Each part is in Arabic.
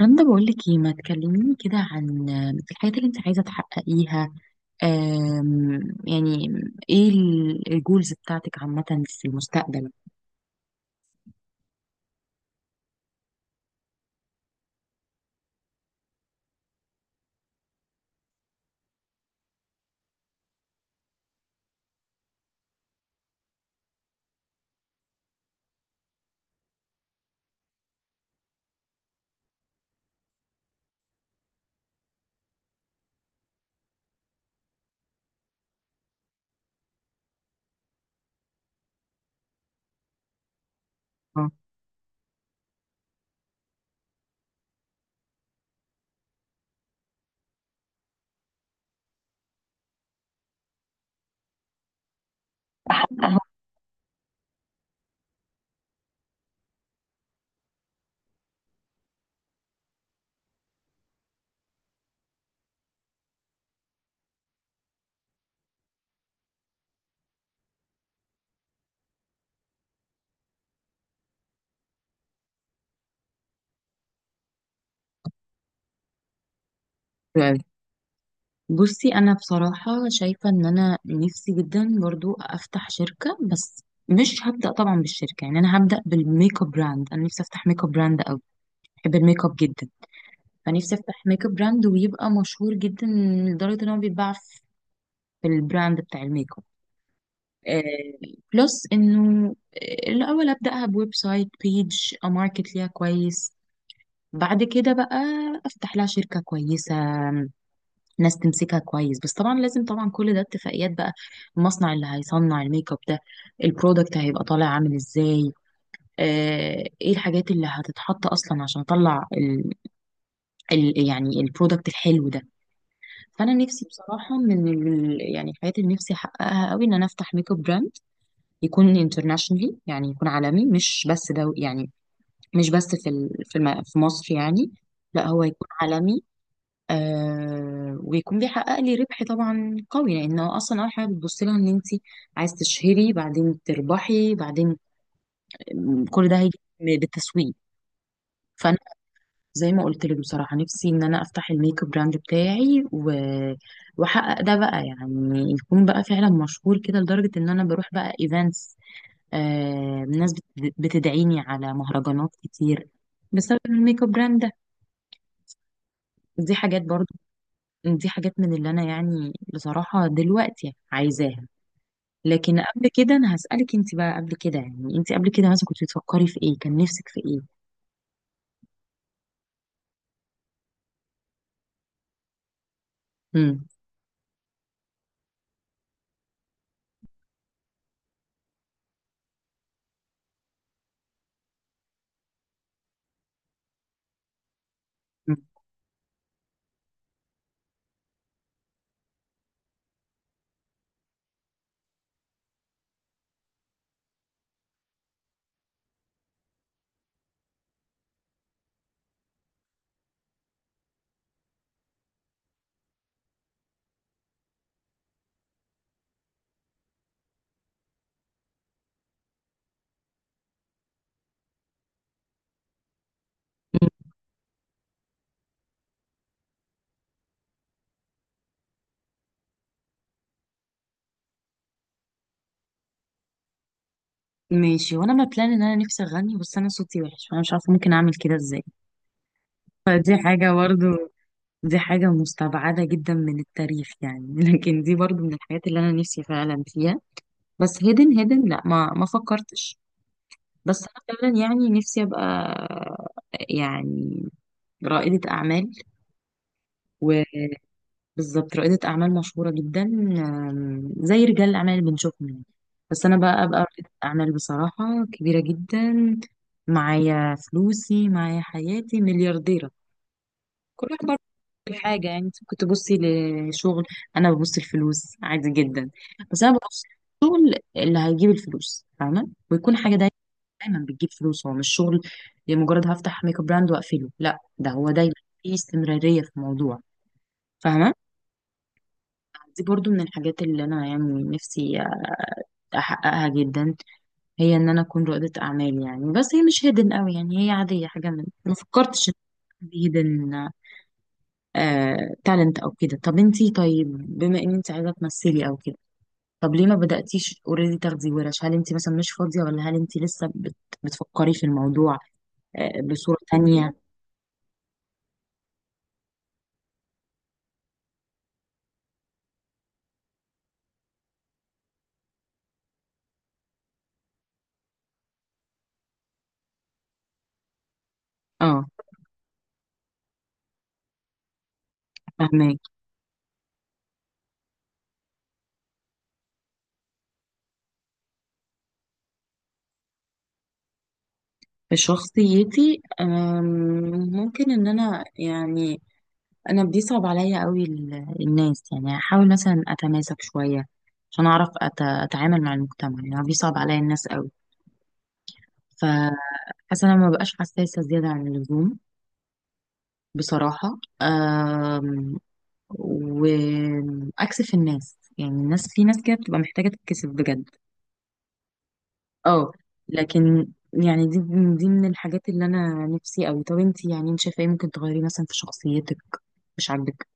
رندا، بقول لك ايه؟ ما تكلميني كده عن الحاجات اللي انت عايزه تحققيها. أم، يعني ايه الجولز بتاعتك عامه في المستقبل؟ اه، بصي انا بصراحه شايفه ان انا نفسي جدا برضو افتح شركه، بس مش هبدا طبعا بالشركه. يعني انا هبدا بالميك اب براند. انا نفسي افتح ميك اب براند قوي، بحب الميك اب جدا. فنفسي افتح ميك اب براند ويبقى مشهور جدا لدرجه ان هو بيتباع في البراند بتاع الميك اب. بلس انه الاول ابداها بويب سايت بيج اماركت ليها كويس. بعد كده بقى افتح لها شركه كويسه، ناس تمسكها كويس. بس طبعا لازم، طبعا كل ده اتفاقيات بقى. المصنع اللي هيصنع الميك اب ده، البرودكت هيبقى طالع عامل ازاي؟ ايه الحاجات اللي هتتحط اصلا عشان اطلع ال يعني البرودكت الحلو ده؟ فانا نفسي بصراحه من ال يعني الحاجات اللي نفسي احققها قوي ان انا افتح ميك اب براند، يكون internationally، يعني يكون عالمي، مش بس دو يعني، مش بس في ال- في الم- في مصر يعني. لا هو يكون عالمي. ويكون بيحقق لي ربح طبعا قوي، لانه اصلا اول حاجه بتبص لها ان انت عايز تشهري، بعدين تربحي، بعدين كل ده هيجي بالتسويق. فانا، زي ما قلت لك بصراحه، نفسي ان انا افتح الميك اب براند بتاعي واحقق ده بقى، يعني يكون بقى فعلا مشهور كده لدرجه ان انا بروح بقى ايفنتس. الناس بتدعيني على مهرجانات كتير بسبب الميك اب براند ده. دي حاجات برضو، دي حاجات من اللي انا يعني بصراحة دلوقتي عايزاها. لكن قبل كده انا هسألك انت بقى، قبل كده يعني، انت قبل كده مثلا كنت بتفكري في ايه؟ كان نفسك في ايه؟ مم. مم. ماشي. وانا ما بلان ان انا نفسي اغني، بس انا صوتي وحش فانا مش عارفة ممكن اعمل كده ازاي. فدي حاجة برضو، دي حاجة مستبعدة جدا من التاريخ يعني لكن دي برضو من الحاجات اللي انا نفسي فعلا فيها. بس هيدن لا، ما فكرتش. بس انا فعلا يعني نفسي ابقى يعني رائدة اعمال، وبالظبط رائدة اعمال مشهورة جدا، زي رجال الاعمال اللي بنشوفهم يعني. بس انا بقى ابقى رائدة اعمال بصراحة كبيرة جدا، معايا فلوسي معايا حياتي، مليارديرة. كل واحد برضه حاجة. يعني انت كنت تبصي لشغل، انا ببص الفلوس عادي جدا. بس انا ببص الشغل اللي هيجيب الفلوس، فاهمة؟ ويكون حاجة دايما بتجيب فلوس، هو مش شغل لمجرد هفتح ميك اب براند واقفله. لا، ده هو دايما في استمرارية في الموضوع، فاهمة؟ دي برضو من الحاجات اللي انا يعني نفسي احققها جدا، هي ان انا اكون رائدة اعمال يعني. بس هي مش هيدن قوي، يعني هي عادية، حاجة من، ما فكرتش ان هيدن تالنت او كده. طب انتي طيب، بما ان انت عايزة تمثلي او كده، طب ليه ما بدأتيش اوريدي تاخدي ورش؟ هل انت مثلا مش فاضية، ولا هل انت لسه بتفكري في الموضوع بصورة تانية؟ اه، فاهمة. في شخصيتي، ممكن ان انا يعني، انا بيصعب عليا قوي الناس. يعني احاول مثلا اتماسك شويه عشان اعرف اتعامل مع المجتمع، يعني بيصعب عليا الناس قوي. فحاسه انا ما بقاش حساسه زياده عن اللزوم بصراحه، واكسف الناس. يعني الناس، في ناس كده بتبقى محتاجه تتكسف بجد. اه لكن، يعني دي من الحاجات اللي انا نفسي قوي. طب انت يعني، انت شايفه ايه ممكن تغيري مثلا في شخصيتك مش عاجبك؟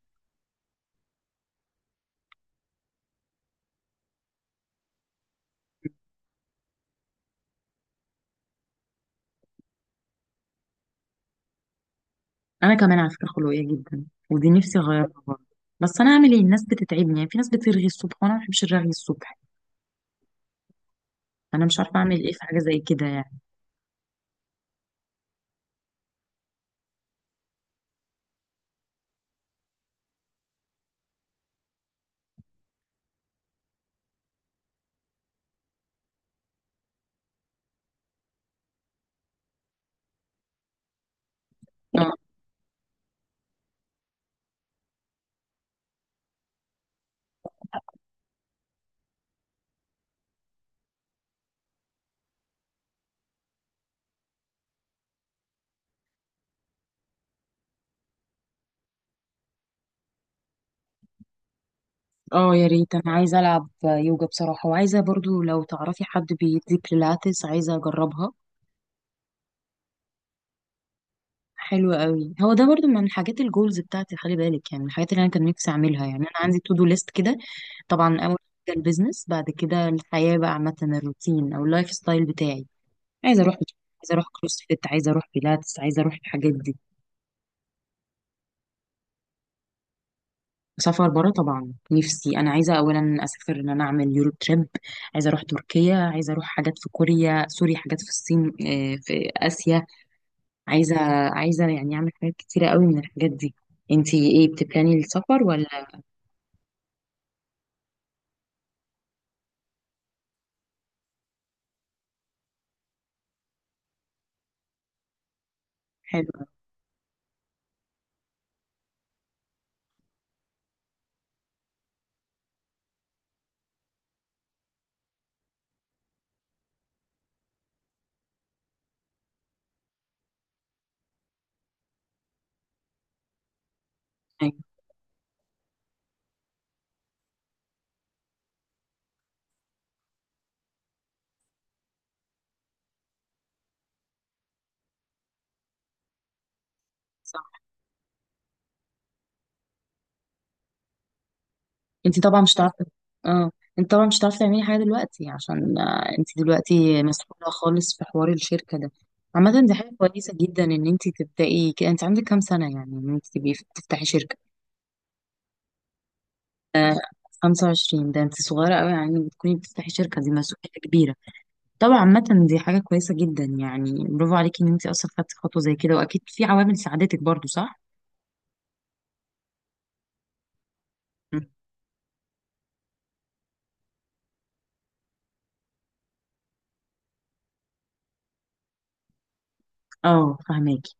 انا كمان على فكره خلقيه جدا، ودي نفسي اغيرها برضه. بس انا اعمل ايه؟ الناس بتتعبني يعني. في ناس بترغي الصبح وانا ما بحبش الرغي الصبح، انا مش عارفه اعمل ايه في حاجه زي كده يعني. اه، اه، يا ريت. انا عايزه العب يوجا بصراحه، وعايزه برضو لو تعرفي حد بيدي بيلاتس عايزه اجربها. حلو قوي. هو ده برضو من حاجات الجولز بتاعتي، خلي بالك. يعني من الحاجات اللي انا كان نفسي اعملها، يعني انا عندي تو دو ليست كده. طبعا اول حاجه البيزنس، بعد كده الحياه بقى عامه، الروتين او اللايف ستايل بتاعي. عايزه اروح بت- عايزه اروح كروس فيت، عايزه اروح بيلاتس، عايزه اروح الحاجات دي. سفر بره طبعا نفسي. انا عايزه اولا اسافر، ان انا اعمل يورو تريب. عايزه اروح تركيا، عايزه اروح حاجات في كوريا، سوري، حاجات في الصين، في اسيا. عايزه عايزه يعني اعمل حاجات كتيره قوي من الحاجات دي. انتي ايه بتبلاني السفر؟ حلو أوي. ايوه، صح. انت طبعا مش هتعرفي. اه. انت طبعا مش هتعرفي تعملي حاجه دلوقتي عشان انت دلوقتي مسؤوله خالص في حوار الشركه ده. عامه دي حاجه كويسه جدا ان انت تبداي كده. انت عندك كام سنه يعني ان انت تبقي تفتحي شركه؟ 25، ده انت صغيره قوي يعني، بتكوني بتفتحي شركه، دي مسؤوليه كبيره. طبعا عامه دي حاجه كويسه جدا يعني، برافو عليكي ان انت اصلا خدتي خطوه زي كده. واكيد في عوامل ساعدتك برضو، صح؟ مم. اه، فهماكي.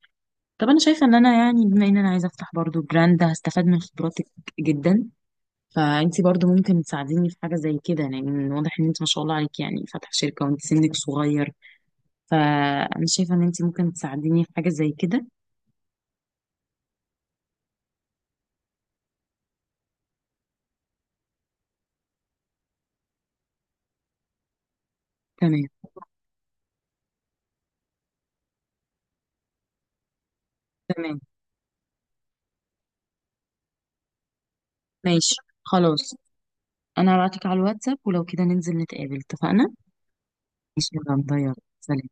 طب انا شايفه ان انا يعني، بما ان انا عايزه افتح برضو براند، هستفاد من خبراتك جدا. فانتي برضو ممكن تساعديني في حاجه زي كده، لان واضح ان انت ما شاء الله عليك يعني فاتحه شركه وانت سنك صغير. فانا شايفه ان انت ممكن تساعديني في حاجه زي كده. تمام. تمام. ماشي خلاص. انا هبعتلك على الواتساب، ولو كده ننزل نتقابل، اتفقنا؟ ماشي يا رندا، يلا سلام.